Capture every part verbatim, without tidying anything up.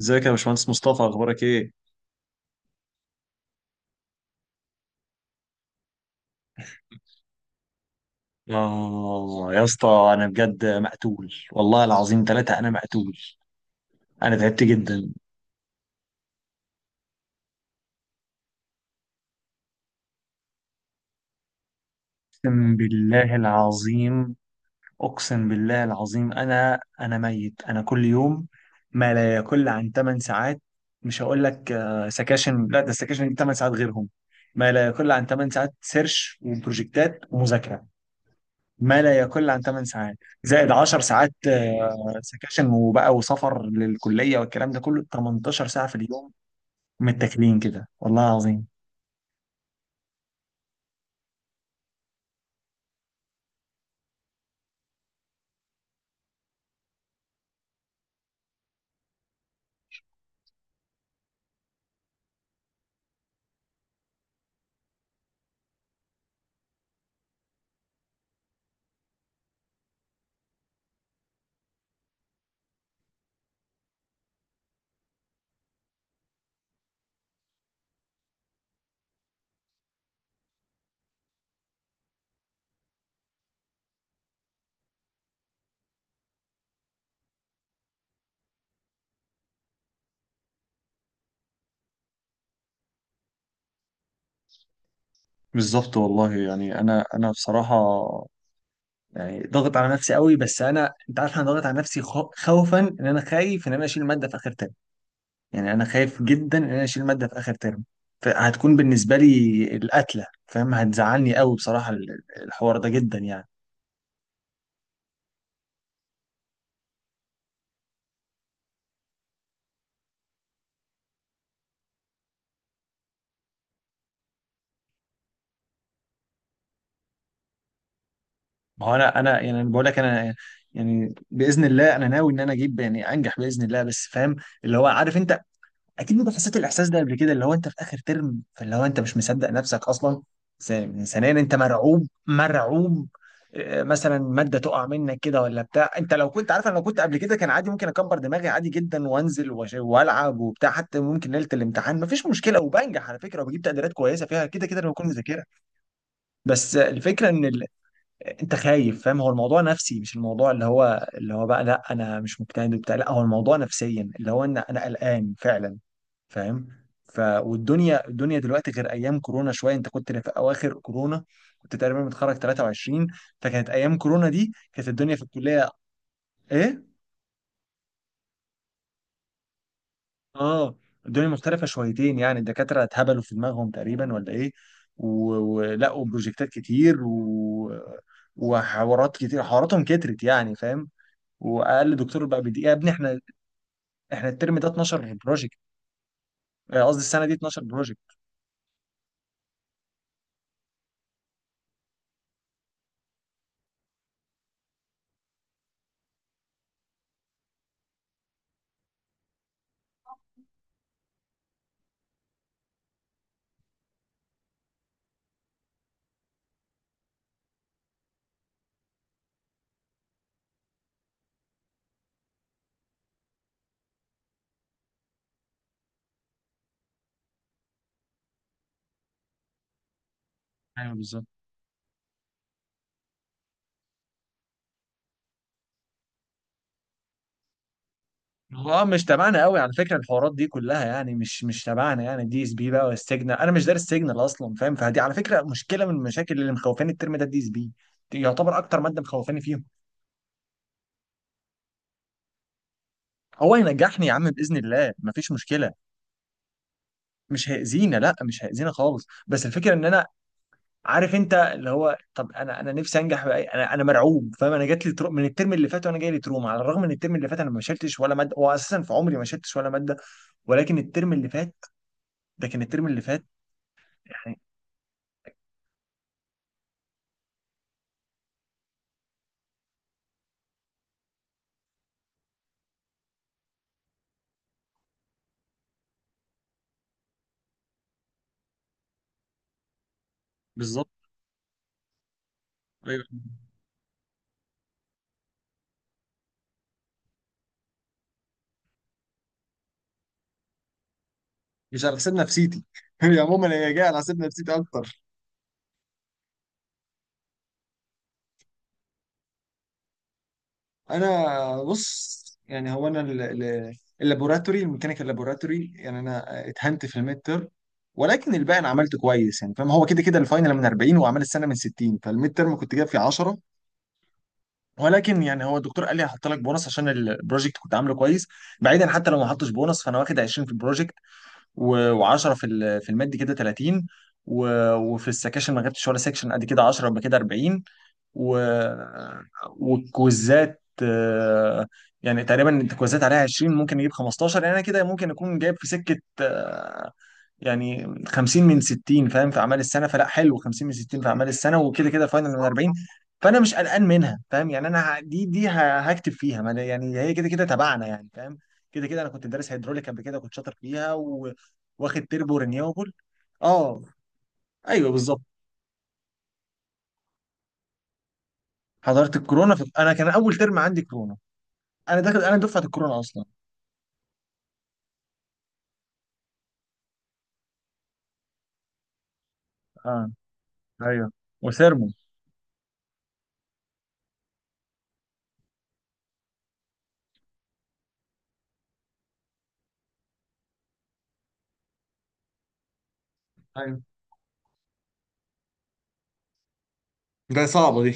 ازيك يا باشمهندس مصطفى، اخبارك ايه؟ اه يا اسطى، انا بجد مقتول والله العظيم، ثلاثة انا مقتول. انا تعبت جدا. اقسم بالله العظيم. اقسم بالله العظيم انا انا ميت. انا كل يوم ما لا يقل عن 8 ساعات، مش هقول لك آه، سكاشن. لا، ده السكاشن دي 8 ساعات غيرهم. ما لا يقل عن 8 ساعات سيرش وبروجكتات ومذاكرة. ما لا يقل عن 8 ساعات زائد 10 ساعات آه، سكاشن وبقى وسفر للكلية، والكلام ده كله 18 ساعة في اليوم. متاكلين كده والله العظيم. بالظبط والله، يعني انا انا بصراحه، يعني ضاغط على نفسي قوي، بس انا انت عارف، انا ضاغط على نفسي خو- خوفا ان انا خايف ان انا اشيل ماده في اخر ترم. يعني انا خايف جدا ان انا اشيل ماده في اخر ترم. فهتكون بالنسبه لي القتله، فاهم؟ هتزعلني قوي بصراحه، ال- الحوار ده جدا يعني. ما هو انا انا يعني أنا بقول لك انا، يعني باذن الله انا ناوي ان انا اجيب، يعني انجح باذن الله، بس فاهم؟ اللي هو عارف انت، اكيد انت حسيت الاحساس ده قبل كده، اللي هو انت في اخر ترم، فاللي هو انت مش مصدق نفسك اصلا. ث- ثانيا انت مرعوب، مرعوب آه، مثلا ماده تقع منك كده ولا بتاع. انت لو كنت عارف، انا لو كنت قبل كده كان عادي، ممكن اكبر دماغي عادي جدا وانزل وأش- والعب وبتاع، حتى ممكن ليله الامتحان مفيش مشكله، وبنجح على فكره وبجيب تقديرات كويسه فيها، كده كده انا بكون مذاكرها. بس الفكره ان انت خايف، فاهم؟ هو الموضوع نفسي، مش الموضوع اللي هو اللي هو بقى لا انا مش مجتهد وبتاع، لا هو الموضوع نفسيا، اللي هو ان انا قلقان فعلا، فاهم؟ ف والدنيا الدنيا دلوقتي غير ايام كورونا شويه. انت كنت في اواخر كورونا، كنت تقريبا متخرج ثلاثة وعشرون، فكانت ايام كورونا دي، كانت الدنيا في الكليه. ايه؟ اه الدنيا مختلفه شويتين يعني، الدكاتره اتهبلوا في دماغهم تقريبا ولا ايه. و- ولقوا بروجكتات كتير و... وحوارات كتير، حواراتهم كترت يعني، فاهم؟ واقل دكتور بقى بيدي يا ابني. احنا احنا الترم ده 12 بروجكت. آه، قصدي السنه دي 12 بروجكت. ايوه بالظبط. هو آه، مش تبعنا قوي على فكره، الحوارات دي كلها يعني مش مش تبعنا. يعني دي اس بي بقى والسيجنال، انا مش دارس سيجنال اصلا، فاهم؟ فدي على فكره مشكله من المشاكل اللي مخوفاني الترم ده. الدي اس بي يعتبر اكتر ماده مخوفاني فيهم. هو ينجحني يا عم باذن الله، مفيش مشكله. مش هيأذينا، لا مش هيأذينا خالص. بس الفكره ان انا عارف انت، اللي هو طب انا انا نفسي انجح بأي. انا انا مرعوب، فاهم؟ انا جات لي ترو... من الترم اللي فات، وانا جاي لي تروما، على الرغم ان الترم اللي فات انا ما شلتش ولا ماده. هو اساسا في عمري ما شلتش ولا ماده، ولكن الترم اللي فات، ده كان الترم اللي فات يعني. بالظبط ايوه. مش على حساب نفسيتي هي عموما هي جايه على حساب نفسيتي اكتر. انا بص، يعني هو انا ال- ال- اللابوراتوري الميكانيكال لابوراتوري، يعني انا اتهنت في الميد ترم. ولكن الباقي انا عملت كويس، يعني فاهم؟ هو كده كده الفاينل من اربعين واعمال السنه من ستين، فالميد ترم كنت جايب فيه عشرة. ولكن يعني هو الدكتور قال لي هحط لك بونص عشان البروجكت كنت عامله كويس. بعيدا، حتى لو ما حطش بونص، فانا واخد عشرين في البروجكت و10 في ال- في المادي، كده تلاتين. و- وفي السكاشن ما جبتش ولا سكشن، قد كده عشرة، يبقى كده اربعين. و... والكويزات آه، يعني تقريبا الكويزات عليها عشرين، ممكن يجيب خمستاشر، يعني انا كده ممكن اكون جايب في سكه، يعني خمسين من ستين، فاهم؟ في اعمال السنه. فلا حلو، خمسين من ستين في اعمال السنه، وكده كده فاينل من اربعين. فانا مش قلقان منها، فاهم؟ يعني انا ه- دي دي ه- هكتب فيها، ما أنا يعني هي كده كده تبعنا يعني، فاهم؟ كده كده انا كنت دارس هيدروليك قبل كده، كنت شاطر فيها و... واخد تربو رينيوبل. اه ايوه بالظبط. حضرت الكورونا في... انا كان اول ترم عندي كورونا، انا داخل، انا دفعه الكورونا اصلا. اه ايوه. وثيرمو. ايوه ده صعبة دي.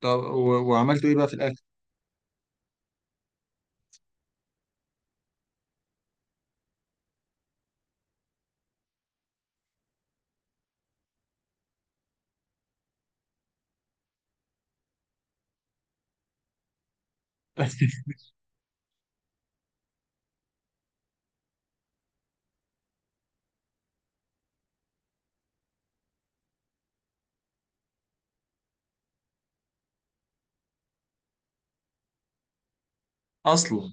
طب و... وعملتوا ايه بقى في الاخر؟ اصلا.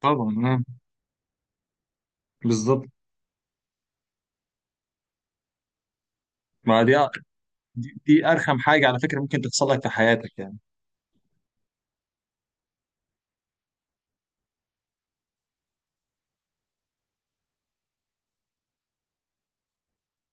طبعا آه، بالظبط. ما دي دي دي ارخم حاجه على فكره ممكن تحصل لك في حياتك يعني.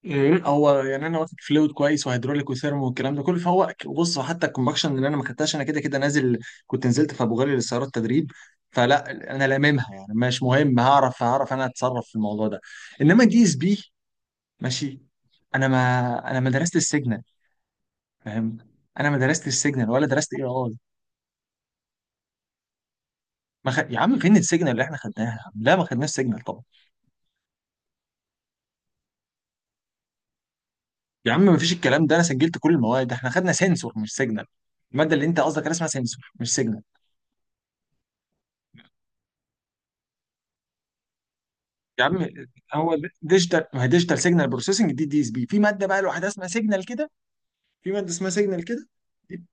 إيه، هو يعني انا واخد فلويد كويس وهيدروليك وثيرمو والكلام ده كله، فهو ك- بص، حتى الكومباكشن اللي انا ما خدتهاش، انا كده كده نازل، كنت نزلت في ابو غالي للسيارات تدريب. فلا انا لاممها، يعني مش مهم، هعرف هعرف انا اتصرف في الموضوع ده. انما دي اس بي، ماشي. انا ما انا ما درست السيجنال، فاهم؟ انا ما درست السيجنال ولا درست اي اي. ما خ... يا عم فين السيجنال اللي احنا خدناها يا عم؟ لا ما خدناش سيجنال. يا عم مفيش الكلام ده، انا سجلت كل المواد، احنا خدنا سنسور مش سيجنال. الماده اللي انت قصدك عليها اسمها سنسور مش سيجنال. يا عم هو ديجيتال، ما هي ديجيتال سيجنال بروسيسنج دي، دي اس بي. في ماده بقى لوحدها اسمها سيجنال كده. في ماده اسمها سيجنال كده. دي،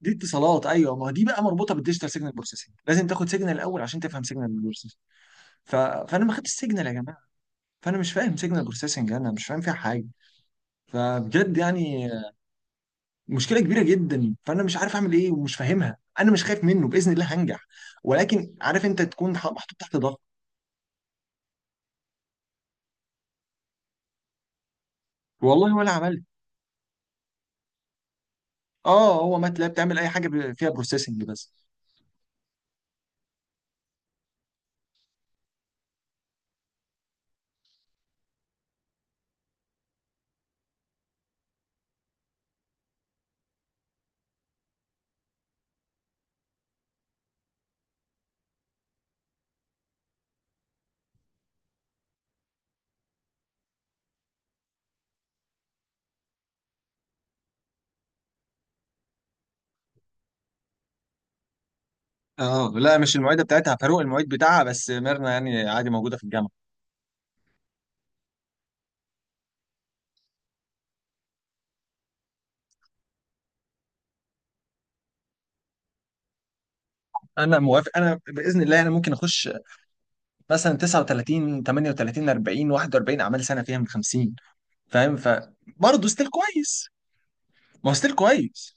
دي اتصالات ايوه. ما هو دي بقى مربوطه بالديجيتال سيجنال بروسيسنج، لازم تاخد سيجنال الاول عشان تفهم سيجنال بروسيسنج. ف... فانا ما خدتش سيجنال يا جماعه. فانا مش فاهم سيجنال بروسيسنج، انا مش فاهم فيها حاجه. فبجد يعني مشكله كبيره جدا، فانا مش عارف اعمل ايه، ومش فاهمها. انا مش خايف منه باذن الله هنجح، ولكن عارف انت تكون ح- محطوط تحت ضغط. والله ولا عملت. اه هو ماتلاب تعمل اي حاجه ب- فيها بروسيسنج بس. اه لا مش المعده بتاعتها فاروق، المعيد بتاعها بس ميرنا، يعني عادي موجوده في الجامعه. انا موافق، انا باذن الله انا ممكن اخش مثلا تسعه وتلاتين ثمانية وثلاثين اربعين واحد واربعين اعمال سنه فيها من خمسين، فاهم؟ فبرضه ستيل كويس. ما هو ستيل كويس،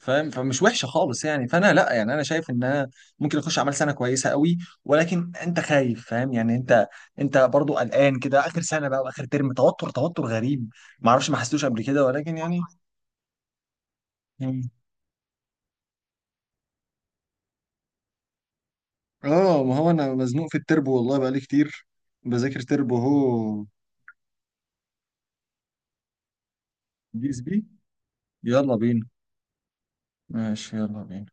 فاهم؟ فمش وحشه خالص يعني، فانا لا يعني انا شايف ان انا ممكن اخش اعمال سنه كويسه قوي. ولكن انت خايف، فاهم؟ يعني انت انت برضو قلقان كده، اخر سنه بقى واخر ترم، توتر توتر غريب. ما اعرفش ما حسيتوش قبل كده، ولكن يعني مم. اه ما هو انا مزنوق في التربو والله بقالي كتير، بذاكر تربو هو. بي اس بي. يلا بينا. ماشي يلا بينا.